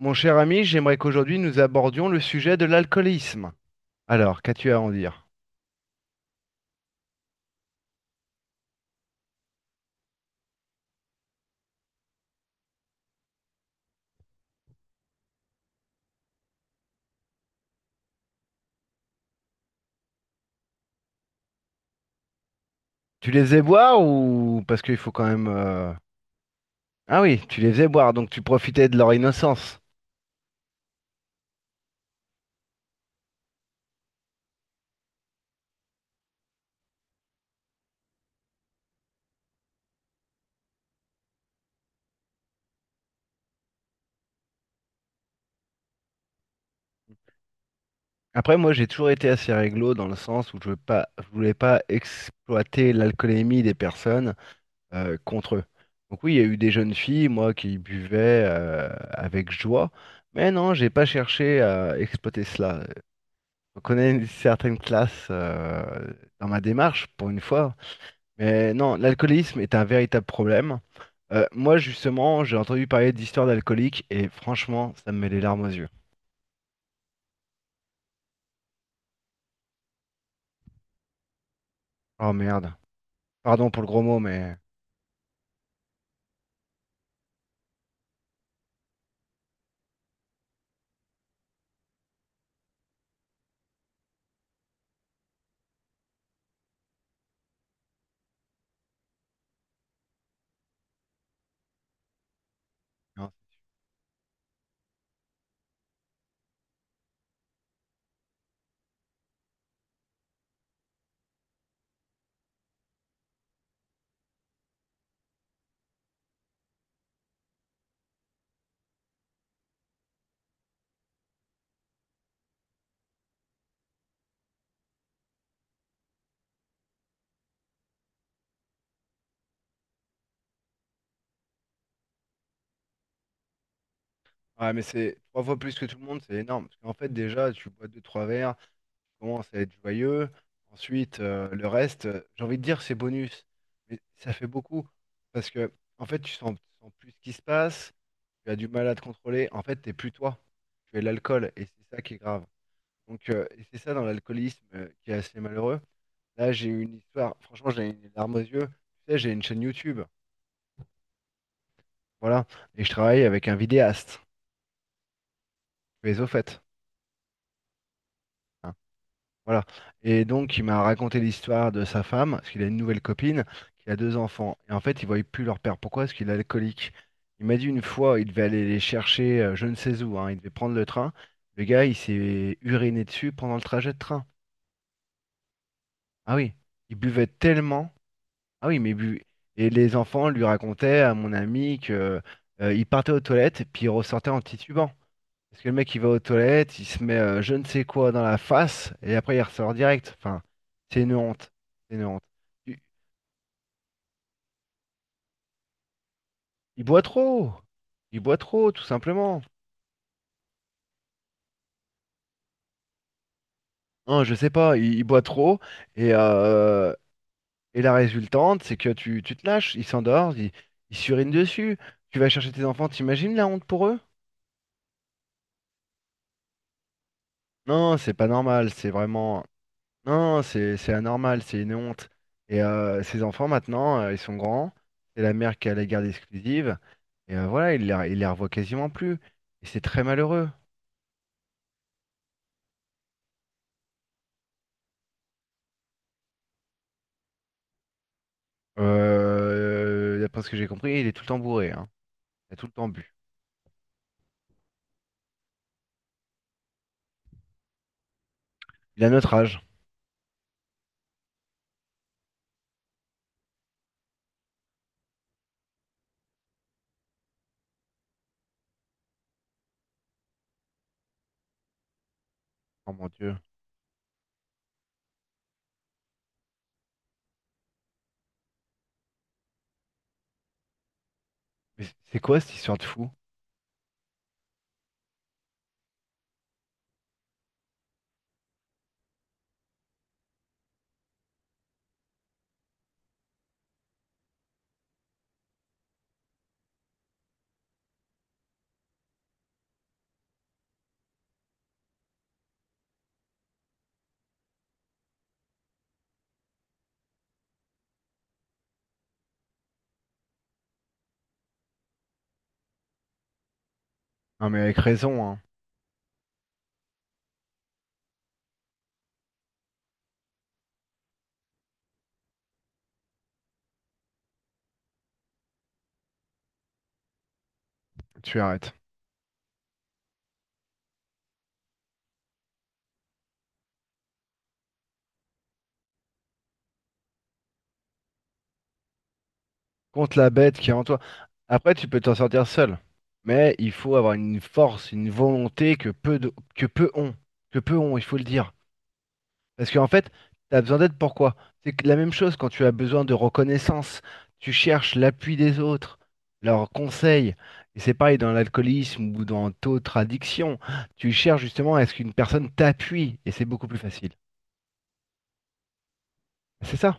Mon cher ami, j'aimerais qu'aujourd'hui nous abordions le sujet de l'alcoolisme. Alors, qu'as-tu à en dire? Tu les faisais boire ou parce qu'il faut quand même. Ah oui, tu les faisais boire, donc tu profitais de leur innocence. Après, moi, j'ai toujours été assez réglo dans le sens où je voulais pas exploiter l'alcoolémie des personnes contre eux. Donc oui, il y a eu des jeunes filles, moi, qui buvaient avec joie, mais non, j'ai pas cherché à exploiter cela. On connaît une certaine classe dans ma démarche, pour une fois. Mais non, l'alcoolisme est un véritable problème. Moi, justement, j'ai entendu parler d'histoires d'alcooliques et franchement, ça me met les larmes aux yeux. Oh merde. Pardon pour le gros mot, mais. Non. Ouais, mais c'est trois fois plus que tout le monde, c'est énorme. Parce qu'en fait, déjà, tu bois deux, trois verres, tu commences à être joyeux. Ensuite, le reste, j'ai envie de dire, c'est bonus. Mais ça fait beaucoup. Parce que, en fait, tu sens plus ce qui se passe, tu as du mal à te contrôler. En fait, t'es plus toi. Tu es l'alcool et c'est ça qui est grave. Donc, et c'est ça dans l'alcoolisme qui est assez malheureux. Là, j'ai eu une histoire, franchement, j'ai une larme aux yeux. Tu sais, j'ai une chaîne YouTube, voilà, et je travaille avec un vidéaste, mais au fait, hein, voilà. Et donc, il m'a raconté l'histoire de sa femme, parce qu'il a une nouvelle copine, qui a deux enfants. Et en fait, il voyait plus leur père. Pourquoi? Parce qu'il est alcoolique. Il m'a dit une fois, il devait aller les chercher, je ne sais où, hein, il devait prendre le train. Le gars, il s'est uriné dessus pendant le trajet de train. Ah oui, il buvait tellement. Ah oui, et les enfants lui racontaient à mon ami que il partait aux toilettes puis il ressortait en titubant. Parce que le mec il va aux toilettes, il se met je ne sais quoi dans la face et après il ressort direct. Enfin, c'est une honte, c'est une honte. Il, il boit trop, il boit trop tout simplement. Hein, je sais pas, il boit trop et euh, et la résultante c'est que tu te lâches, il s'endort, il s'urine dessus. Tu vas chercher tes enfants, t'imagines la honte pour eux? Non, c'est pas normal, c'est vraiment. Non, c'est anormal, c'est une honte. Et ces enfants maintenant, ils sont grands, c'est la mère qui a la garde exclusive, et voilà, il les revoit quasiment plus. Et c'est très malheureux. D'après ce que j'ai compris, il est tout le temps bourré, hein. Il a tout le temps bu. Il a notre âge. Oh mon Dieu. Mais c'est quoi cette histoire de fou? Non mais avec raison, hein. Tu arrêtes. Contre la bête qui est en toi. Après, tu peux t'en sortir seul. Mais il faut avoir une force, une volonté que peu ont. Que peu ont, il faut le dire. Parce qu'en fait, tu as besoin d'aide pourquoi? C'est que la même chose quand tu as besoin de reconnaissance, tu cherches l'appui des autres, leurs conseils. Et c'est pareil dans l'alcoolisme ou dans d'autres addictions. Tu cherches justement à ce qu'une personne t'appuie et c'est beaucoup plus facile. C'est ça.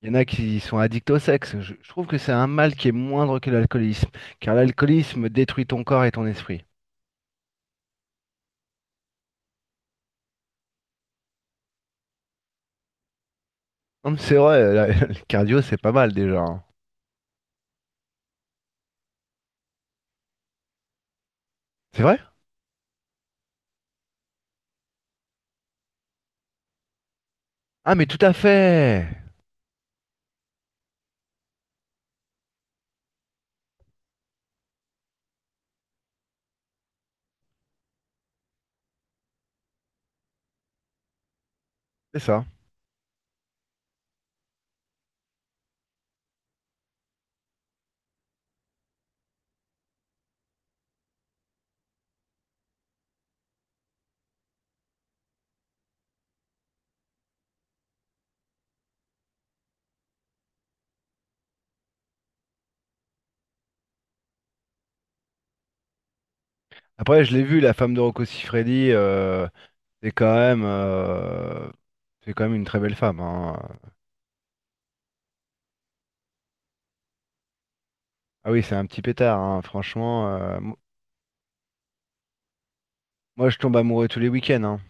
Il y en a qui sont addicts au sexe. Je trouve que c'est un mal qui est moindre que l'alcoolisme, car l'alcoolisme détruit ton corps et ton esprit. Non, mais c'est vrai, le cardio, c'est pas mal déjà. Hein. C'est vrai? Ah, mais tout à fait! C'est ça. Après, je l'ai vu, la femme de Rocco Siffredi, c'est quand même, euh, c'est quand même une très belle femme. Hein. Ah oui, c'est un petit pétard, hein, franchement, moi, je tombe amoureux tous les week-ends. Hein.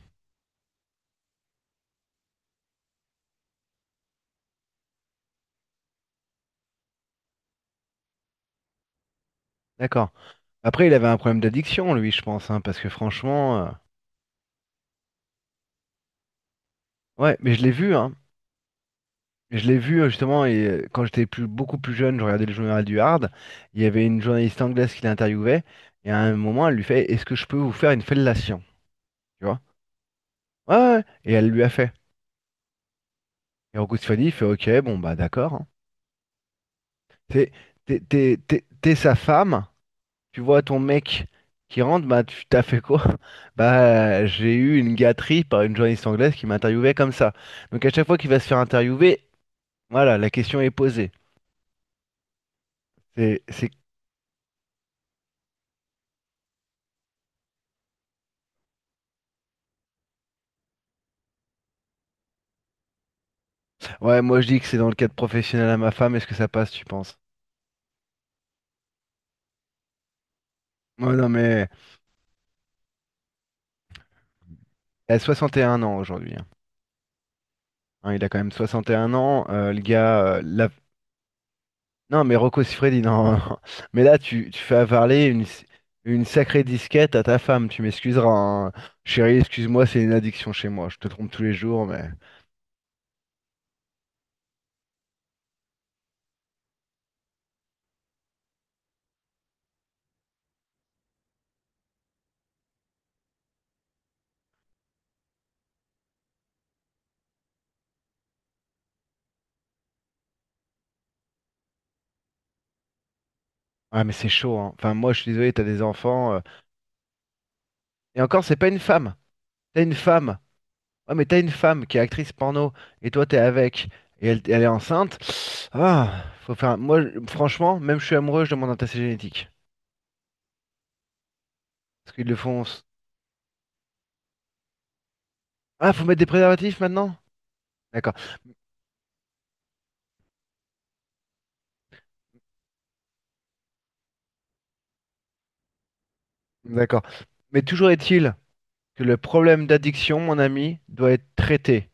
D'accord. Après, il avait un problème d'addiction, lui, je pense, hein, parce que franchement, ouais, mais je l'ai vu, hein. Je l'ai vu justement, et quand j'étais beaucoup plus jeune, je regardais le journal du Hard. Il y avait une journaliste anglaise qui l'interviewait, et à un moment, elle lui fait, est-ce que je peux vous faire une fellation? Tu vois? Ouais, ouais, ouais, et elle lui a fait. Et Rocco Siffredi il fait, ok, bon, bah d'accord. Hein. T'es, t'es sa femme, tu vois ton mec qui rentre, bah tu t'as fait quoi? Bah j'ai eu une gâterie par une journaliste anglaise qui m'interviewait comme ça. Donc à chaque fois qu'il va se faire interviewer, voilà, la question est posée. C'est. Ouais, moi je dis que c'est dans le cadre professionnel à ma femme, est-ce que ça passe, tu penses? Ouais, non mais elle a 61 ans aujourd'hui. Hein. Hein, il a quand même 61 ans, le gars, non, mais Rocco Siffredi, non. Mais là, tu fais avaler une sacrée disquette à ta femme. Tu m'excuseras. Hein. Chérie, excuse-moi, c'est une addiction chez moi. Je te trompe tous les jours, mais. Ah, mais c'est chaud, hein. Enfin, moi, je suis désolé, t'as des enfants. Et encore, c'est pas une femme. T'as une femme. Ouais, mais t'as une femme qui est actrice porno. Et toi, t'es avec. Et elle, elle est enceinte. Ah, faut faire. Moi, franchement, même je suis amoureux, je demande un test génétique. Parce qu'ils le font. Ah, faut mettre des préservatifs maintenant? D'accord. D'accord. Mais toujours est-il. Que le problème d'addiction, mon ami, doit être traité.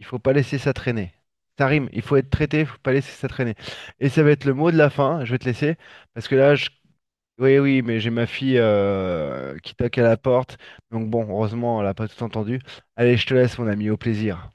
Il faut pas laisser ça traîner. Ça rime, il faut être traité, il faut pas laisser ça traîner. Et ça va être le mot de la fin, je vais te laisser, parce que là, je... Oui, oui, mais j'ai ma fille qui toque à la porte, donc bon, heureusement, elle n'a pas tout entendu. Allez, je te laisse, mon ami, au plaisir.